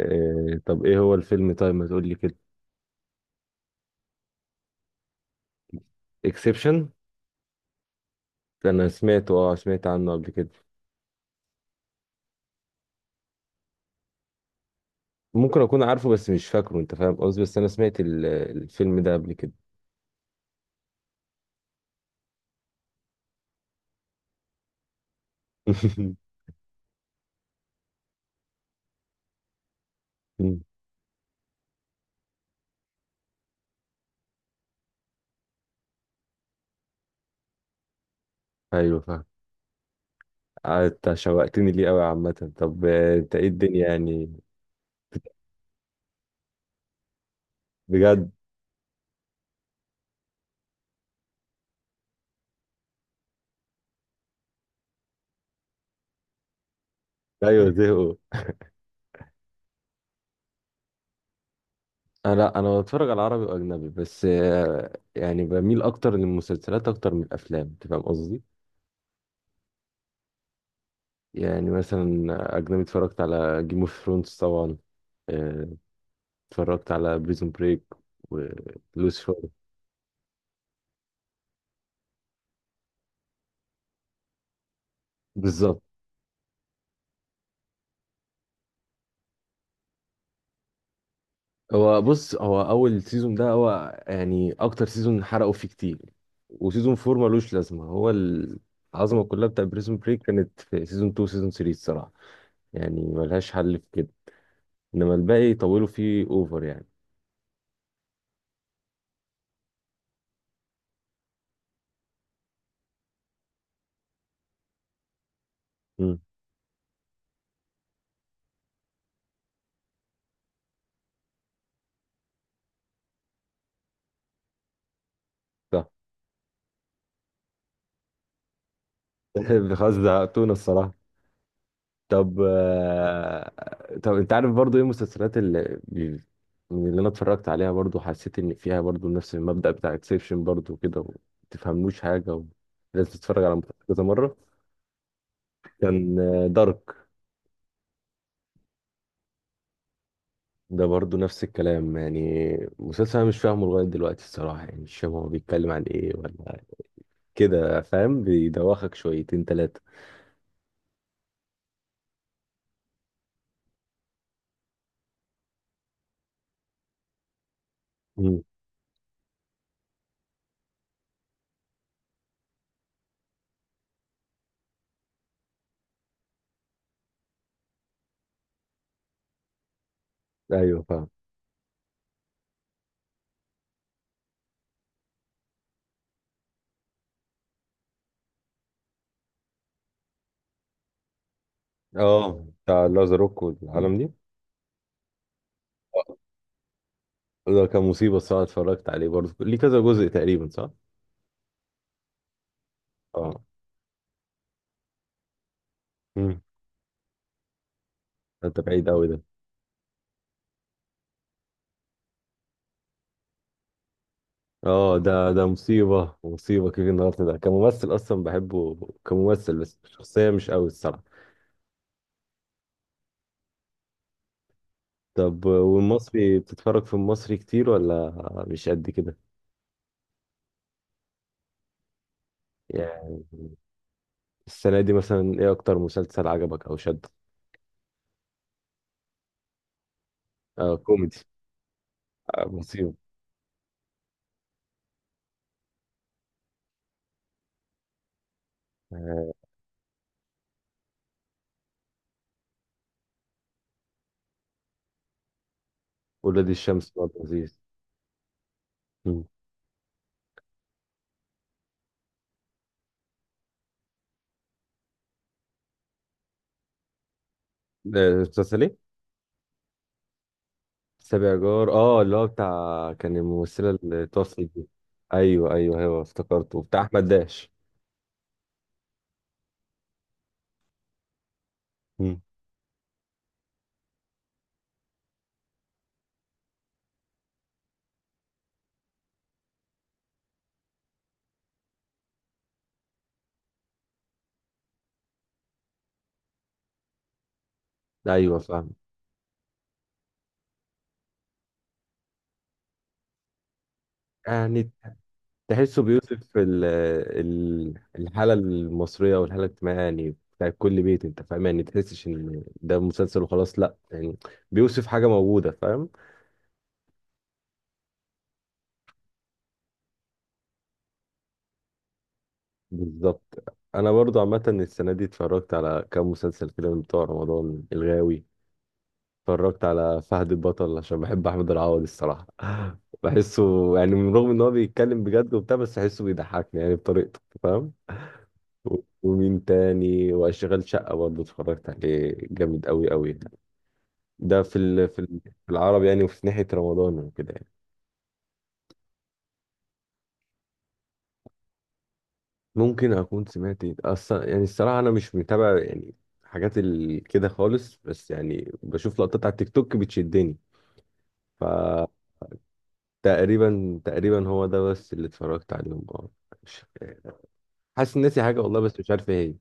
طب ايه هو الفيلم؟ طيب ما تقول لي كده. اكسبشن. انا سمعت عنه قبل كده. ممكن اكون عارفه بس مش فاكره، انت فاهم قصدي، بس انا سمعت الفيلم ده قبل كده. مم. ايوه، فاهم. انت شوقتني ليه قوي عامه. طب، انت ايه الدنيا يعني؟ بجد؟ ايوه. زهقوا. لا، انا بتفرج على عربي واجنبي، بس يعني بميل اكتر للمسلسلات اكتر من الافلام، انت فاهم قصدي. يعني مثلا، اجنبي اتفرجت على جيم اوف ثرونز طبعا. آه، اتفرجت على بريزون بريك ولوسيفر. بالظبط. هو بص، هو اول سيزون ده هو يعني اكتر سيزون حرقوا فيه كتير، وسيزون فور ملوش لازمه. هو العظمه كلها بتاع بريزون بريك كانت في سيزون 2 سيزون 3 الصراحه، يعني ملهاش حل في كده، انما الباقي طولوا فيه اوفر يعني. امم، صح. خلاص، زهقتونا الصراحه. طب، طب انت عارف برضو ايه المسلسلات اللي انا اتفرجت عليها برضو، حسيت ان فيها برضو نفس المبدأ بتاع اكسبشن برضو كده، وما تفهموش حاجة، ولازم تتفرج على مسلسل كذا مرة. كان دارك، ده برضو نفس الكلام يعني. مسلسل انا مش فاهمه لغاية دلوقتي الصراحة، يعني مش فاهم هو بيتكلم عن ايه ولا كده، فاهم؟ بيدوخك شويتين تلاتة. مم. ايوه، فاهم. اه، بتاع لازاروك والعالم دي. ده كان مصيبة الصراحة، اتفرجت عليه برضه. ليه كذا جزء تقريبا، صح؟ اه. امم انت بعيد قوي ده. اه، ده مصيبة مصيبة، كيفن هارت ده كممثل اصلا بحبه كممثل، بس شخصية مش قوي الصراحة. طب، والمصري بتتفرج في المصري كتير، ولا مش قد كده؟ يعني السنة دي مثلا، ايه اكتر مسلسل عجبك او شدك؟ آه، كوميدي. آه، مصيبة. آه، ولاد الشمس برضه لذيذ. مم. ده مسلسل ايه؟ سابع جار، اه، اللي هو بتاع كان الممثلة اللي توفت دي. ايوه، ايوه، ايوه، افتكرته بتاع احمد داش. مم. ايوه، فاهم. يعني تحسه بيوصف الحالة المصرية والحالة الاجتماعية، يعني بتاع كل بيت، انت فاهم يعني، تحسش ان ده مسلسل وخلاص، لا يعني بيوصف حاجة موجودة، فاهم. بالظبط. انا برضو عامة السنة دي اتفرجت على كام مسلسل كده من بتوع رمضان الغاوي. اتفرجت على فهد البطل، عشان بحب احمد العوضي الصراحه. بحسه، يعني من رغم ان هو بيتكلم بجد وبتاع، بس بحسه بيضحكني يعني بطريقته، فاهم. و- ومين تاني؟ واشغال شقه برضه اتفرجت عليه، جامد قوي قوي. ده في العربي يعني، وفي ناحيه رمضان وكده يعني. ممكن اكون سمعت اصلا يعني، الصراحه انا مش متابع يعني حاجات كده خالص، بس يعني بشوف لقطات على التيك توك بتشدني، فتقريبا، تقريبا هو ده بس اللي اتفرجت عليهم. اه. حاسس إن ناسي حاجه والله، بس مش عارف ايه هي، إيه.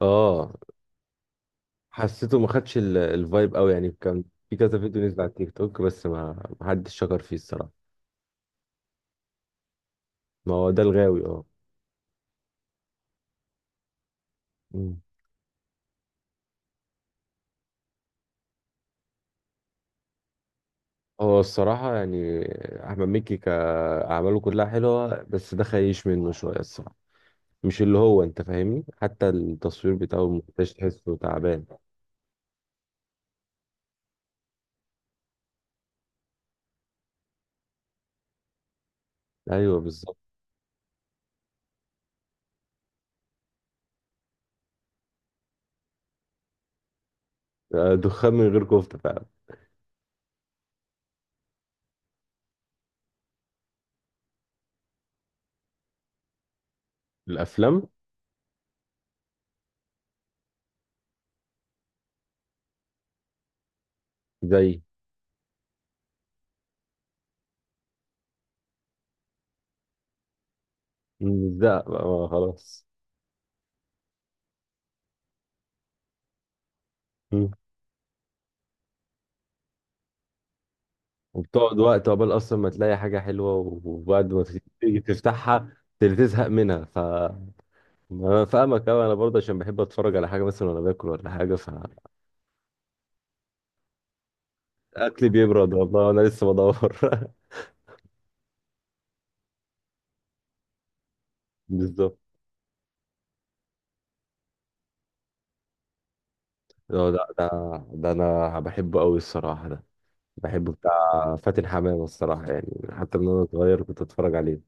اه، حسيته ما خدش الفايب قوي يعني، كان في كذا فيديو نزل على التيك توك، بس ما حدش شكر فيه الصراحه. ما هو ده الغاوي، اه. مم. هو الصراحه يعني، احمد مكي كاعماله كلها حلوه، بس ده خيش منه شويه الصراحه. مش اللي هو، انت فاهمني، حتى التصوير بتاعه المونتاج تحسه تعبان. ايوه، بالظبط. دخان من غير كفته فعلا. الافلام زي مش ده بقى، خلاص. وبتقعد وقت عقبال اصلا ما تلاقي حاجه حلوه، وبعد ما تيجي تفتحها تزهق منها، ف انا فاهمك قوي، انا برضه عشان بحب اتفرج على حاجه مثلا وانا باكل ولا حاجه، فاكلي بيبرد والله وانا لسه بدور. بالظبط. ده ده ده ده انا بحبه قوي الصراحه، ده بحبه بتاع فاتن حمامه الصراحه، يعني حتى من وانا صغير كنت اتفرج عليه.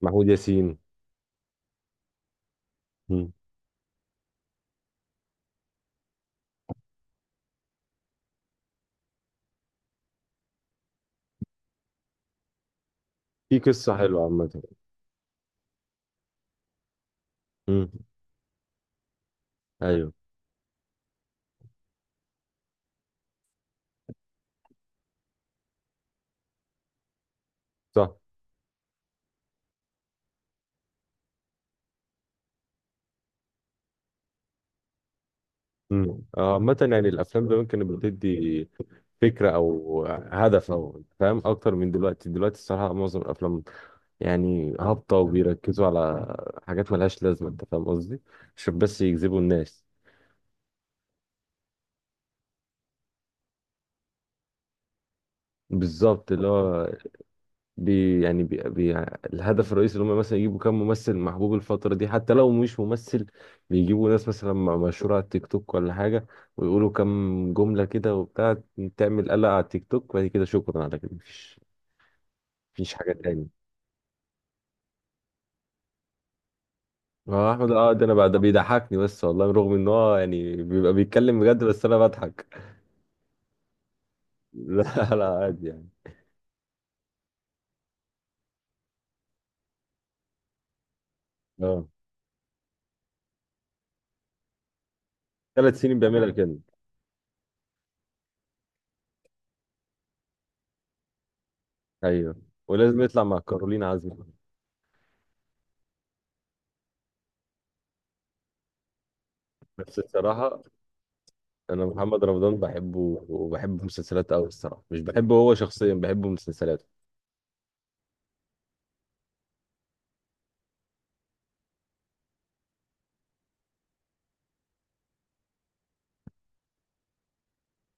محمود ياسين. مم. في قصه حلوه عامه. مم. ايوه، صح. مم. عامة يعني الأفلام زمان كانت بتدي فكره او هدف او، فاهم، اكتر من دلوقتي. دلوقتي الصراحه معظم الافلام يعني هابطه، وبيركزوا على حاجات ملهاش لازمه، انت فاهم قصدي، عشان بس يجذبوا الناس. بالظبط. اللي هو بي يعني بي بي الهدف الرئيسي اللي هم مثلا يجيبوا كام ممثل محبوب الفتره دي، حتى لو مش ممثل بيجيبوا ناس مثلا مشهوره على التيك توك ولا حاجه، ويقولوا كام جمله كده وبتاع، تعمل قلق على التيك توك، وبعد كده شكرا على كده، مفيش حاجه تاني. اه، احمد، ده انا بقى، ده بيضحكني بس والله، رغم ان هو يعني بيبقى بيتكلم بجد، بس انا بضحك. لا، لا عادي يعني. اه، 3 سنين بيعملها كده. ايوه، ولازم يطلع مع كارولين عزمي. بس الصراحه، انا محمد رمضان بحبه وبحب مسلسلاته قوي الصراحه، مش بحبه هو شخصيا، بحب مسلسلاته.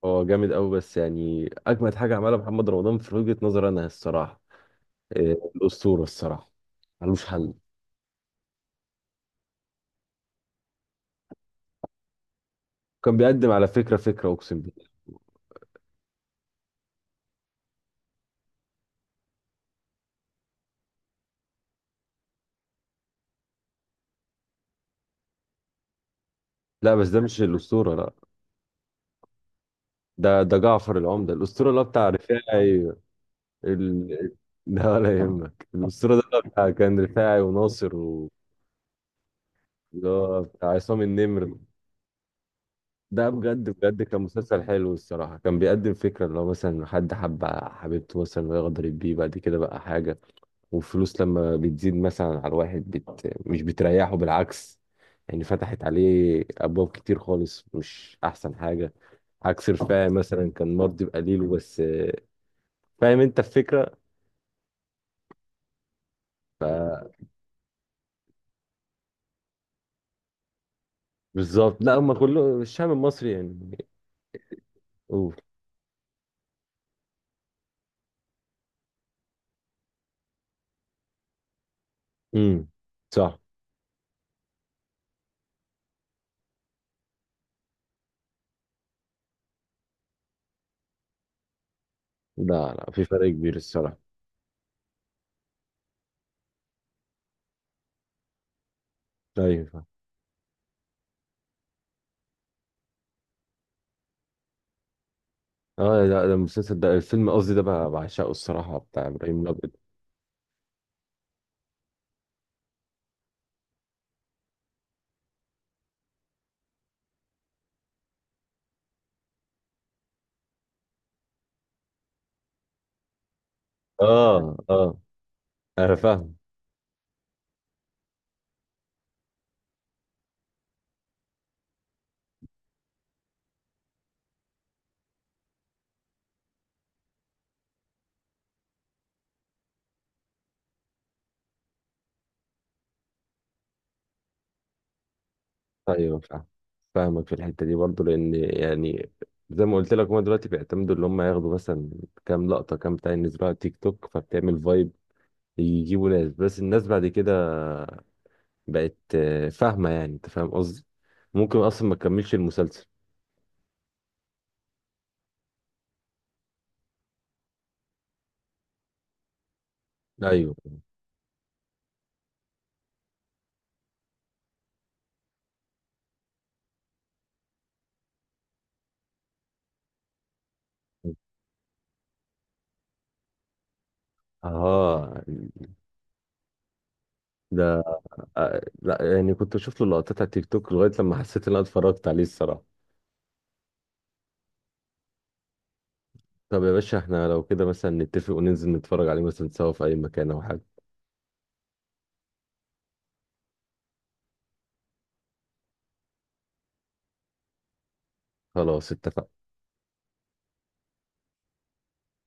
هو جامد قوي، بس يعني اجمد حاجه عملها محمد رمضان في وجهه نظري انا الصراحه، إيه، الاسطوره الصراحه، ملوش حل. كان بيقدم على فكره، فكره اقسم بالله. لا بس ده مش الاسطوره، لا. ده جعفر العمدة. الأسطورة اللي هو بتاع رفاعي. ال... ده ولا يهمك. الأسطورة ده اللي هو بتاع كان رفاعي وناصر اللي هو بتاع عصام النمر. ده بجد بجد كان مسلسل حلو الصراحة، كان بيقدم فكرة اللي هو مثلا حد حب حبيبته مثلا، ويقدر يبيه بعد كده بقى حاجة. والفلوس لما بتزيد مثلا على الواحد مش بتريحه، بالعكس يعني. فتحت عليه أبواب كتير خالص، مش أحسن حاجة. عكس رفاعي مثلا كان مرضي بقليله بس، فاهم انت الفكرة؟ بالظبط. لا هم كله الشعب المصري يعني. قول. امم، صح. لا، لا، في فرق كبير الصراحه. ايوه، فاهم. اه لا، ده المسلسل، ده الفيلم قصدي، ده بقى بعشقه الصراحه بتاع ابراهيم الابيض. اه، اه، انا فاهم. ايوه، فاهمك في الحته دي برضه، لان يعني زي ما قلت لك، هم دلوقتي بيعتمدوا اللي هم ياخدوا مثلا كام لقطه، كام بتاع ينزلوها على تيك توك، فبتعمل فايب. يجيبوا ناس، بس الناس بعد كده بقت فاهمه يعني، انت فاهم قصدي، ممكن اصلا ما تكملش المسلسل. ايوه، اه، ده، لا يعني كنت بشوف له لقطات على التيك توك لغايه لما حسيت ان انا اتفرجت عليه الصراحه. طب يا باشا، احنا لو كده مثلا نتفق وننزل نتفرج عليه مثلا سوا في اي مكان او حاجه؟ خلاص اتفقنا.